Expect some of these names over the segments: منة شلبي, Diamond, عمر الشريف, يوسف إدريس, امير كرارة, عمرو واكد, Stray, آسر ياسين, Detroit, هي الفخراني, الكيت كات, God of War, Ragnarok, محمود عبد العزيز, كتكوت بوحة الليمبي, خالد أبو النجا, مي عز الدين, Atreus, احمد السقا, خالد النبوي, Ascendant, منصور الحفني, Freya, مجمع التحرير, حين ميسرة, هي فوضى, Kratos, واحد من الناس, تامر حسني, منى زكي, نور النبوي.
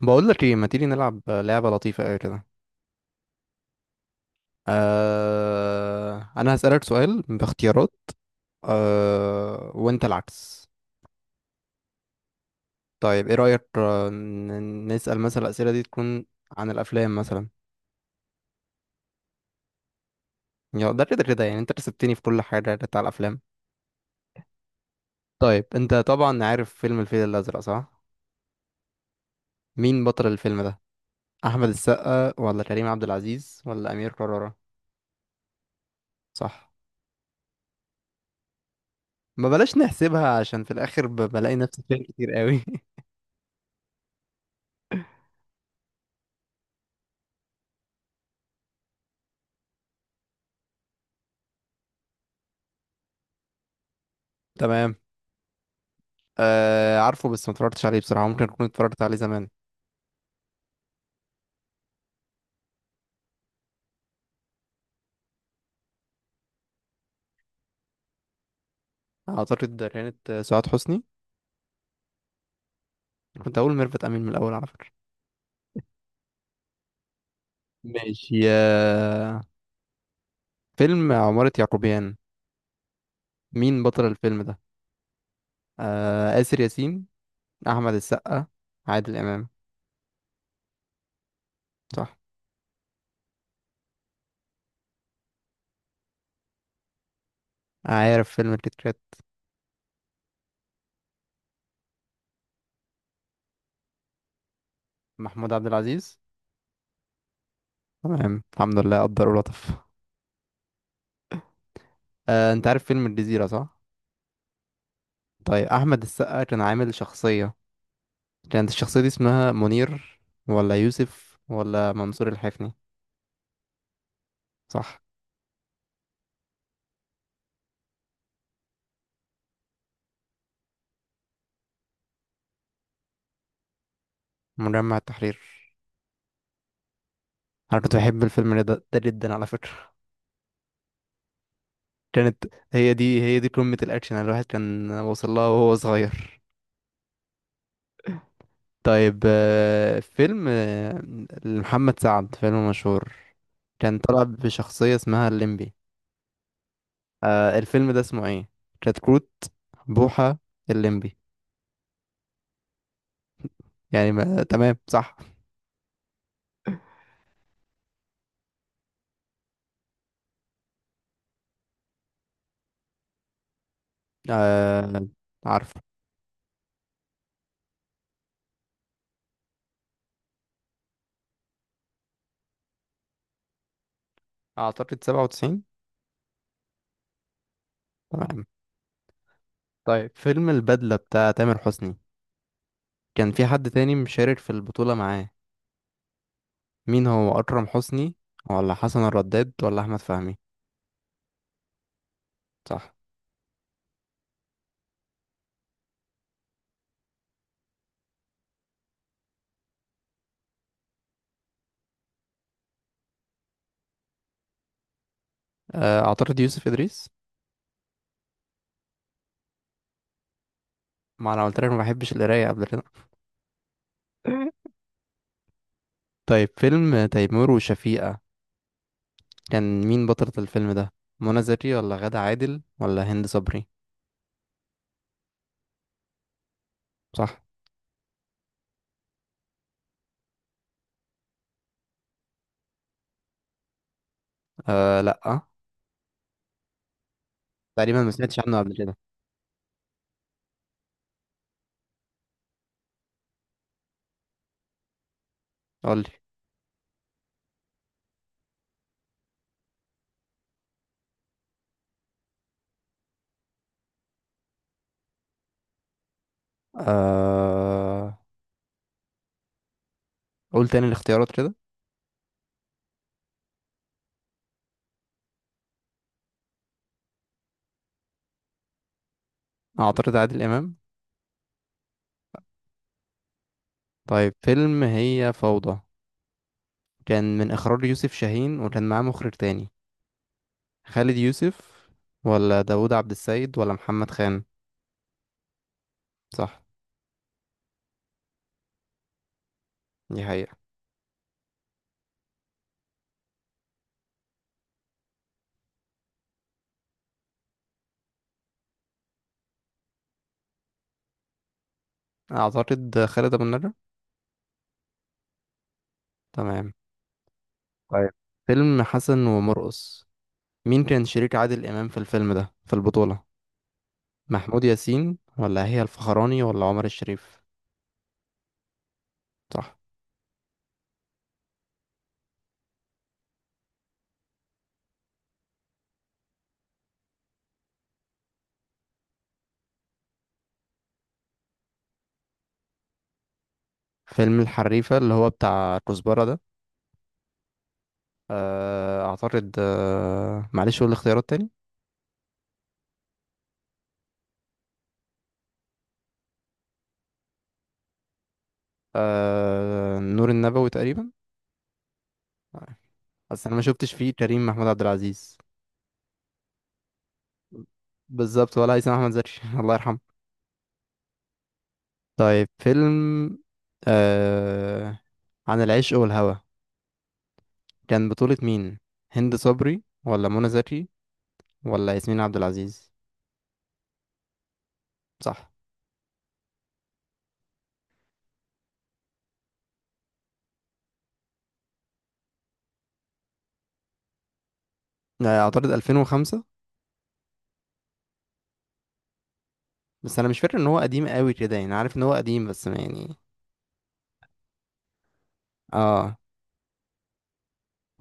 بقول لك ايه، ما تيجي نلعب لعبة لطيفة قوي كده. انا هسألك سؤال باختيارات، وانت العكس. طيب ايه رأيك نسأل مثلا الأسئلة دي تكون عن الافلام مثلا. يا ده كده يعني، انت كسبتني في كل حاجة بتاع الافلام. طيب انت طبعا عارف فيلم الفيل الأزرق صح؟ مين بطل الفيلم ده؟ احمد السقا ولا كريم عبد العزيز ولا امير كرارة؟ صح. ما بلاش نحسبها عشان في الاخر بلاقي نفسي فيها كتير قوي تمام. آه عارفه، بس ما اتفرجتش عليه بصراحة، ممكن أكون اتفرجت عليه زمان. أعتقد ده كانت سعاد حسني. كنت أقول ميرفت أمين من الأول على فكرة. ماشي يا فيلم عمارة يعقوبيان. مين بطل الفيلم ده؟ آه، آسر ياسين، أحمد السقا، عادل إمام. صح. عارف فيلم الكيت كات. محمود عبد العزيز. تمام، الحمد لله قدر ولطف. آه، أنت عارف فيلم الجزيرة صح؟ طيب أحمد السقا كان عامل شخصية، كانت الشخصية دي اسمها منير ولا يوسف ولا منصور الحفني؟ صح. مجمع التحرير. انا كنت بحب الفيلم ده ده جدا على فكرة. كانت، هي دي قمة الاكشن اللي الواحد كان وصل لها وهو صغير. طيب فيلم لمحمد سعد، فيلم مشهور كان طلع بشخصية اسمها الليمبي. الفيلم ده اسمه ايه؟ كتكوت، بوحة، الليمبي. يعني ما... تمام، صح. آه... عارف. اعتقد 97. تمام. طيب فيلم البدلة بتاع تامر حسني، كان في حد تاني مشارك في البطولة معاه. مين هو؟ أكرم حسني ولا حسن الرداد ولا أحمد فهمي؟ صح. أعترض، يوسف إدريس. ما أنا قلت لك ما بحبش القراية قبل كده. طيب فيلم تيمور وشفيقة، كان مين بطلة الفيلم ده؟ منى زكي ولا غادة عادل ولا هند صبري؟ صح. أه لأ، تقريبا ما سمعتش عنه قبل كده. قولي. أه، قول تاني الاختيارات كده. أعترض، عادل إمام. طيب فيلم هي فوضى، كان من إخراج يوسف شاهين وكان معاه مخرج تاني. خالد يوسف ولا داوود عبد السيد ولا محمد خان؟ صح. دي حقيقة. أعتقد خالد أبو النجا. تمام. طيب فيلم حسن ومرقص، مين كان شريك عادل إمام في الفيلم ده في البطولة؟ محمود ياسين ولا هي الفخراني ولا عمر الشريف؟ صح. فيلم الحريفة اللي هو بتاع كزبرة ده، أعتقد، معلش قول الاختيارات تاني. نور النبوي تقريبا. آه، بس أنا ما شفتش فيه كريم محمود عبد العزيز. بالظبط، ولا هيثم احمد زكي الله يرحمه. طيب فيلم آه عن العشق والهوى، كان بطولة مين؟ هند صبري ولا منى زكي ولا ياسمين عبد العزيز؟ صح. اعترض، 2005. بس انا مش فاكر ان هو قديم قوي كده، يعني عارف ان هو قديم بس ما يعني. اه.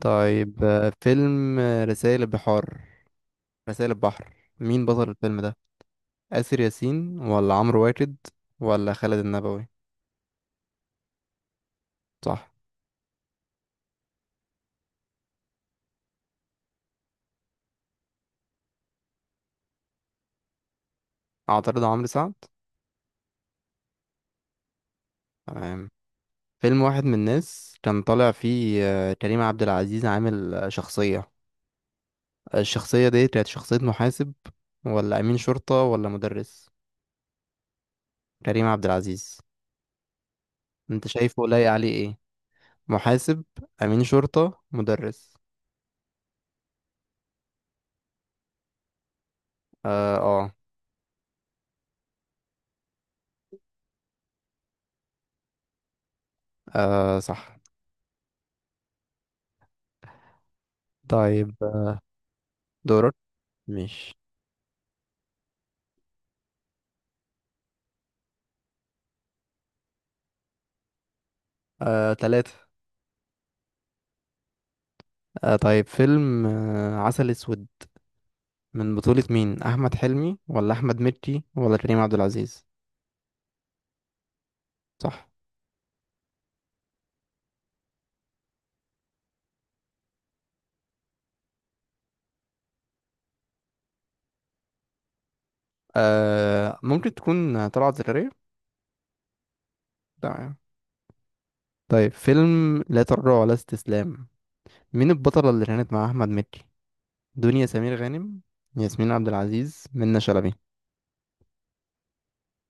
طيب فيلم رسائل البحر، مين بطل الفيلم ده؟ آسر ياسين ولا عمرو واكد ولا خالد النبوي؟ صح. اعترض عمرو سعد. تمام. فيلم واحد من الناس، كان طالع فيه كريم عبد العزيز عامل شخصية، الشخصية دي كانت شخصية محاسب ولا أمين شرطة ولا مدرس. كريم عبد العزيز، انت شايفه لايق عليه ايه؟ محاسب، أمين شرطة، مدرس. اه. آه صح. طيب دورك. مش. آه، تلاتة. آه طيب فيلم آه عسل أسود، من بطولة مين؟ أحمد حلمي ولا أحمد مكي ولا كريم عبد العزيز؟ صح. آه ممكن تكون طلعت زكريا. تمام. طيب فيلم لا تراجع ولا استسلام، مين البطلة اللي كانت مع أحمد مكي؟ دنيا سمير غانم، ياسمين عبد العزيز، منة شلبي.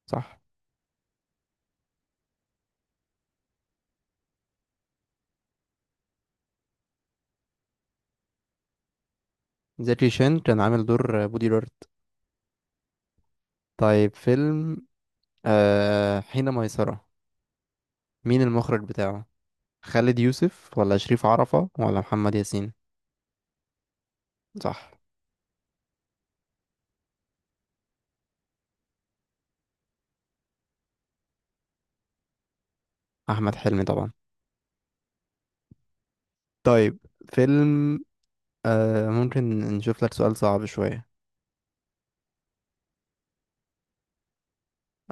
صح. زكي شان كان عامل دور بودي جارد. طيب فيلم حين ميسرة، مين المخرج بتاعه؟ خالد يوسف ولا شريف عرفة ولا محمد ياسين؟ صح. أحمد حلمي طبعا. طيب فيلم، آه ممكن نشوف لك سؤال صعب شوية.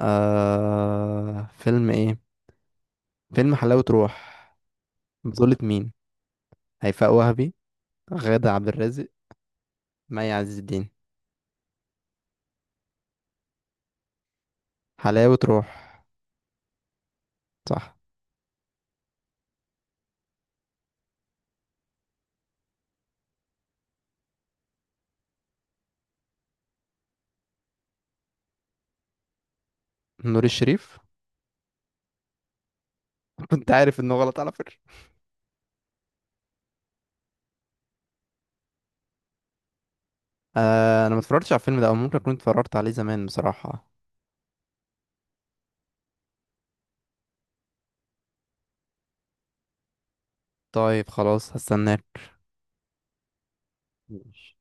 آه فيلم إيه؟ فيلم حلاوة روح، بطولة مين؟ هيفاء وهبي، غادة عبد الرازق، مي عز الدين. حلاوة روح. صح. نور الشريف. كنت عارف انه غلط على فكرة. آه انا ما اتفرجتش على الفيلم ده، او ممكن اكون اتفرجت عليه زمان بصراحة. طيب خلاص هستناك. ماشي.